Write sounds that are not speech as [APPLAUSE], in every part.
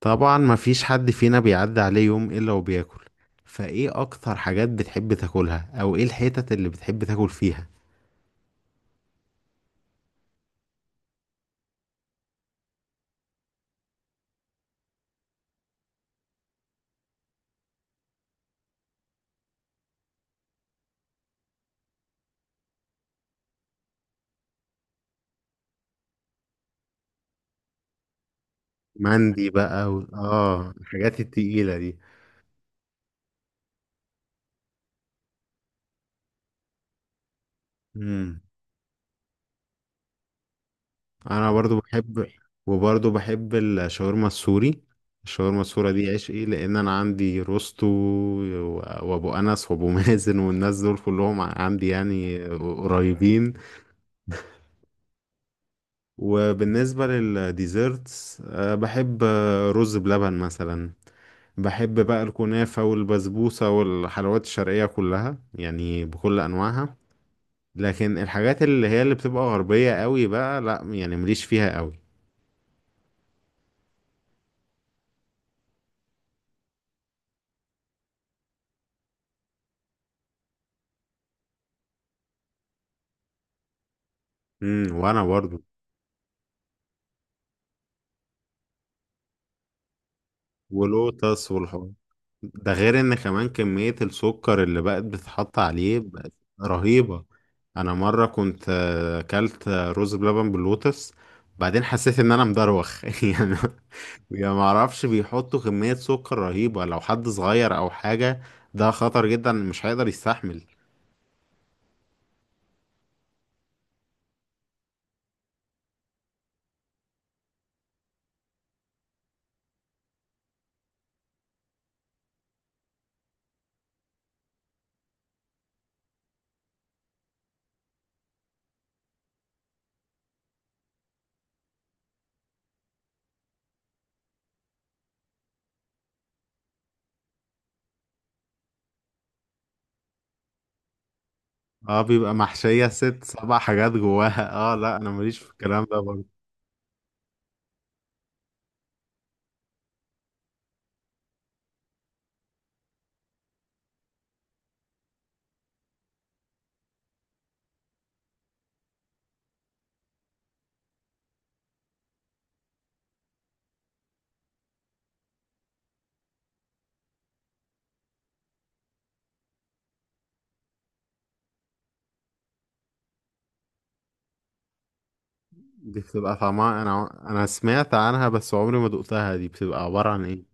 طبعا، مفيش حد فينا بيعدي عليه يوم الا وبياكل. فايه اكتر حاجات بتحب تاكلها، او ايه الحتت اللي بتحب تاكل فيها؟ مندي بقى و... اه الحاجات التقيلة دي. امم انا برضو بحب. وبرضو بحب الشاورما السوري. الشاورما السوري دي عشقي، لان انا عندي روستو وابو انس وابو [LAUGHS] مازن والناس دول كلهم عندي يعني قريبين. وبالنسبة للديزرتس، بحب رز بلبن مثلا. بحب بقى الكنافة والبسبوسة والحلويات الشرقية كلها يعني بكل أنواعها. لكن الحاجات اللي هي اللي بتبقى غربية قوي بقى، لا يعني، مليش فيها قوي. امم. وانا برضو. ولوتس والحوار. ده غير ان كمان كمية السكر اللي بقت بتتحط عليه بقت رهيبة. انا مرة كنت اكلت رز بلبن باللوتس. بعدين حسيت ان انا مدروخ [LAUGHS] يعني. يا ما اعرفش، بيحطوا كمية سكر رهيبة لو حد صغير او حاجة. ده خطر جدا، مش هيقدر يستحمل. اه، بيبقى محشية ست سبع حاجات جواها [LAUGHS] اه، لا، انا ماليش في الكلام ده برضه. دي بتبقى طعمها، انا سمعت عنها، بس عمري ما دقتها. دي بتبقى عبارة عن ايه؟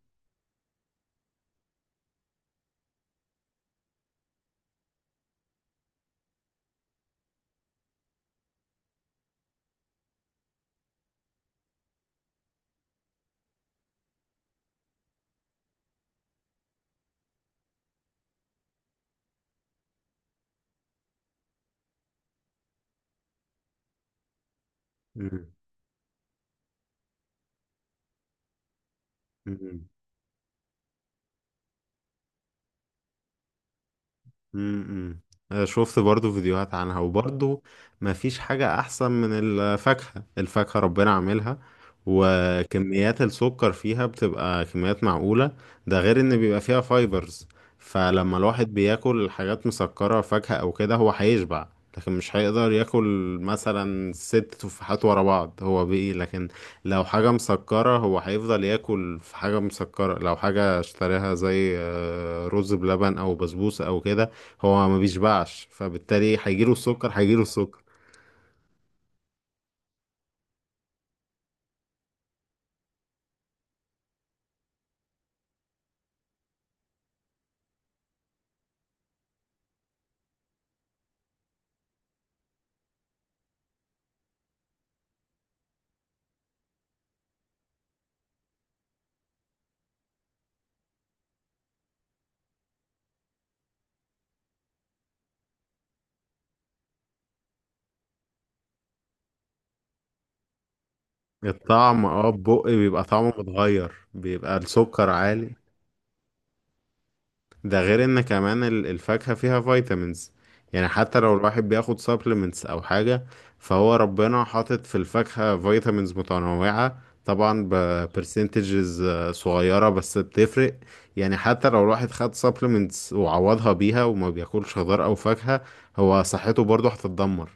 مم. مم. امم. شفت برضو فيديوهات عنها، وبرضو ما فيش حاجة أحسن من الفاكهة. الفاكهة ربنا عاملها، وكميات السكر فيها بتبقى كميات معقولة. ده غير إن بيبقى فيها فايبرز. فلما الواحد بياكل حاجات مسكرة، فاكهة أو كده، هو هيشبع. لكن مش هيقدر ياكل مثلا ست تفاحات ورا بعض، هو بإيه. لكن لو حاجة مسكرة، هو هيفضل ياكل في حاجة مسكرة. لو حاجة اشتراها زي رز بلبن أو بسبوسة أو كده، هو ما بيشبعش، فبالتالي هيجيله السكر هيجيله السكر. الطعم، بيبقى طعمه متغير، بيبقى السكر عالي. ده غير ان كمان الفاكهة فيها فيتامينز. يعني حتى لو الواحد بياخد سبلمنتس او حاجة، فهو ربنا حاطط في الفاكهة فيتامينز متنوعة، طبعا ببرسنتجز صغيرة بس بتفرق. يعني حتى لو الواحد خد سبلمنتس وعوضها بيها وما بياكلش خضار او فاكهة، هو صحته برضه هتتدمر.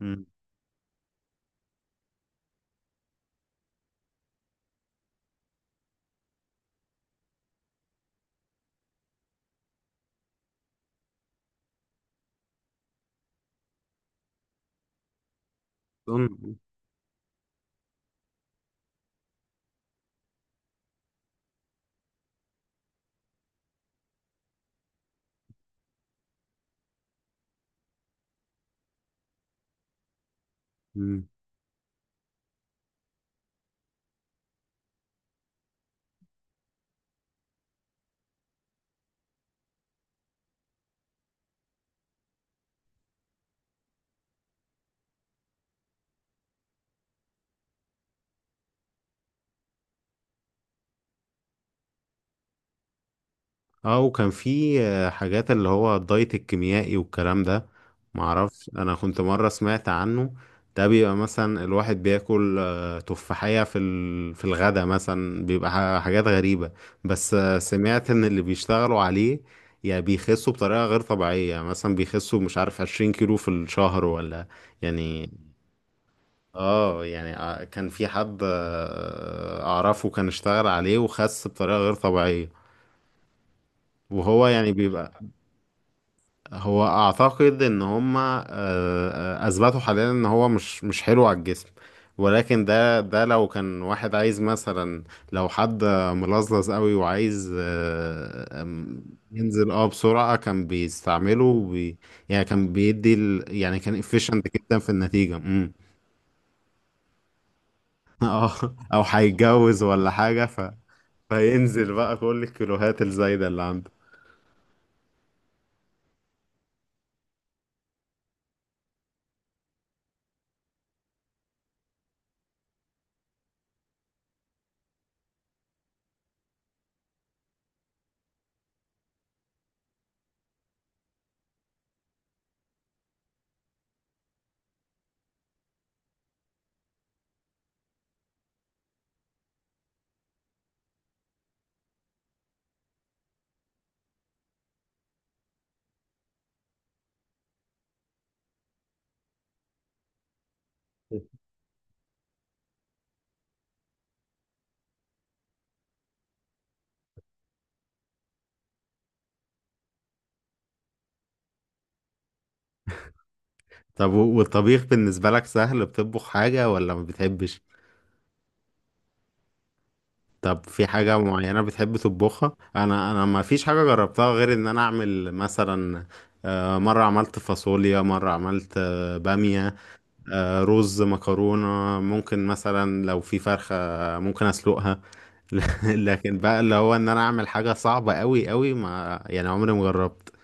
مم. أظن- مم. اه، وكان في حاجات اللي هو الدايت الكيميائي والكلام ده. معرفش، انا كنت مرة سمعت عنه. ده بيبقى مثلا الواحد بياكل تفاحية في الغدا مثلا، بيبقى حاجات غريبة. بس سمعت ان اللي بيشتغلوا عليه يعني بيخسوا بطريقة غير طبيعية. يعني مثلا بيخسوا، مش عارف، 20 كيلو في الشهر ولا يعني. اه، يعني كان في حد اعرفه كان اشتغل عليه وخس بطريقة غير طبيعية. وهو يعني بيبقى، هو اعتقد ان هما اثبتوا حاليا ان هو مش حلو على الجسم. ولكن ده لو كان واحد عايز مثلا، لو حد ملظلظ قوي وعايز آه، آم، ينزل بسرعة، كان بيستعمله يعني كان يعني كان efficient جدا في النتيجة. [LAUGHS] اه، او هيتجوز ولا حاجة. فينزل بقى كل الكيلوهات الزايدة اللي عنده. طب، والطبيخ بالنسبة لك سهل؟ بتطبخ حاجة ولا ما بتحبش؟ طب في حاجة معينة بتحب تطبخها؟ أنا ما فيش حاجة جربتها غير إن أنا أعمل مثلا مرة عملت فاصوليا، مرة عملت بامية، رز، مكرونة. ممكن مثلا لو في فرخة، ممكن أسلقها. [LAUGHS] لكن بقى اللي هو إن أنا أعمل حاجة صعبة أوي أوي، ما يعني، عمري ما جربت.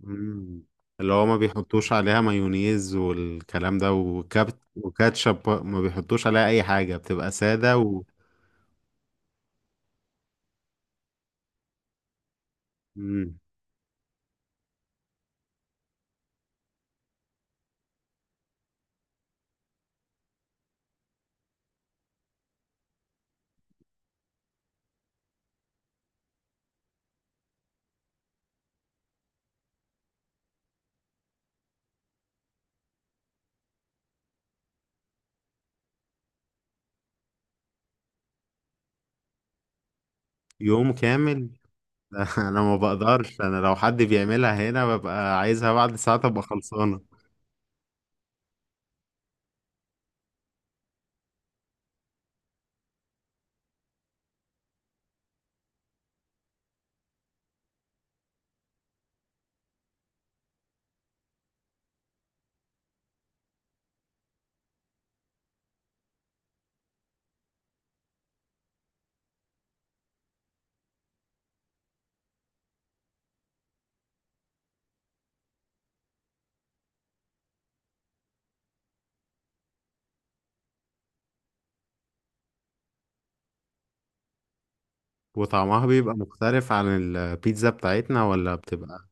مم. اللي هو ما بيحطوش عليها مايونيز والكلام ده وكابت وكاتشب، ما بيحطوش عليها أي حاجة، بتبقى سادة. مم. يوم كامل؟ [LAUGHS] انا ما بقدرش. انا لو حد بيعملها هنا، ببقى عايزها بعد ساعة تبقى خلصانة. وطعمها بيبقى مختلف عن البيتزا بتاعتنا، ولا بتبقى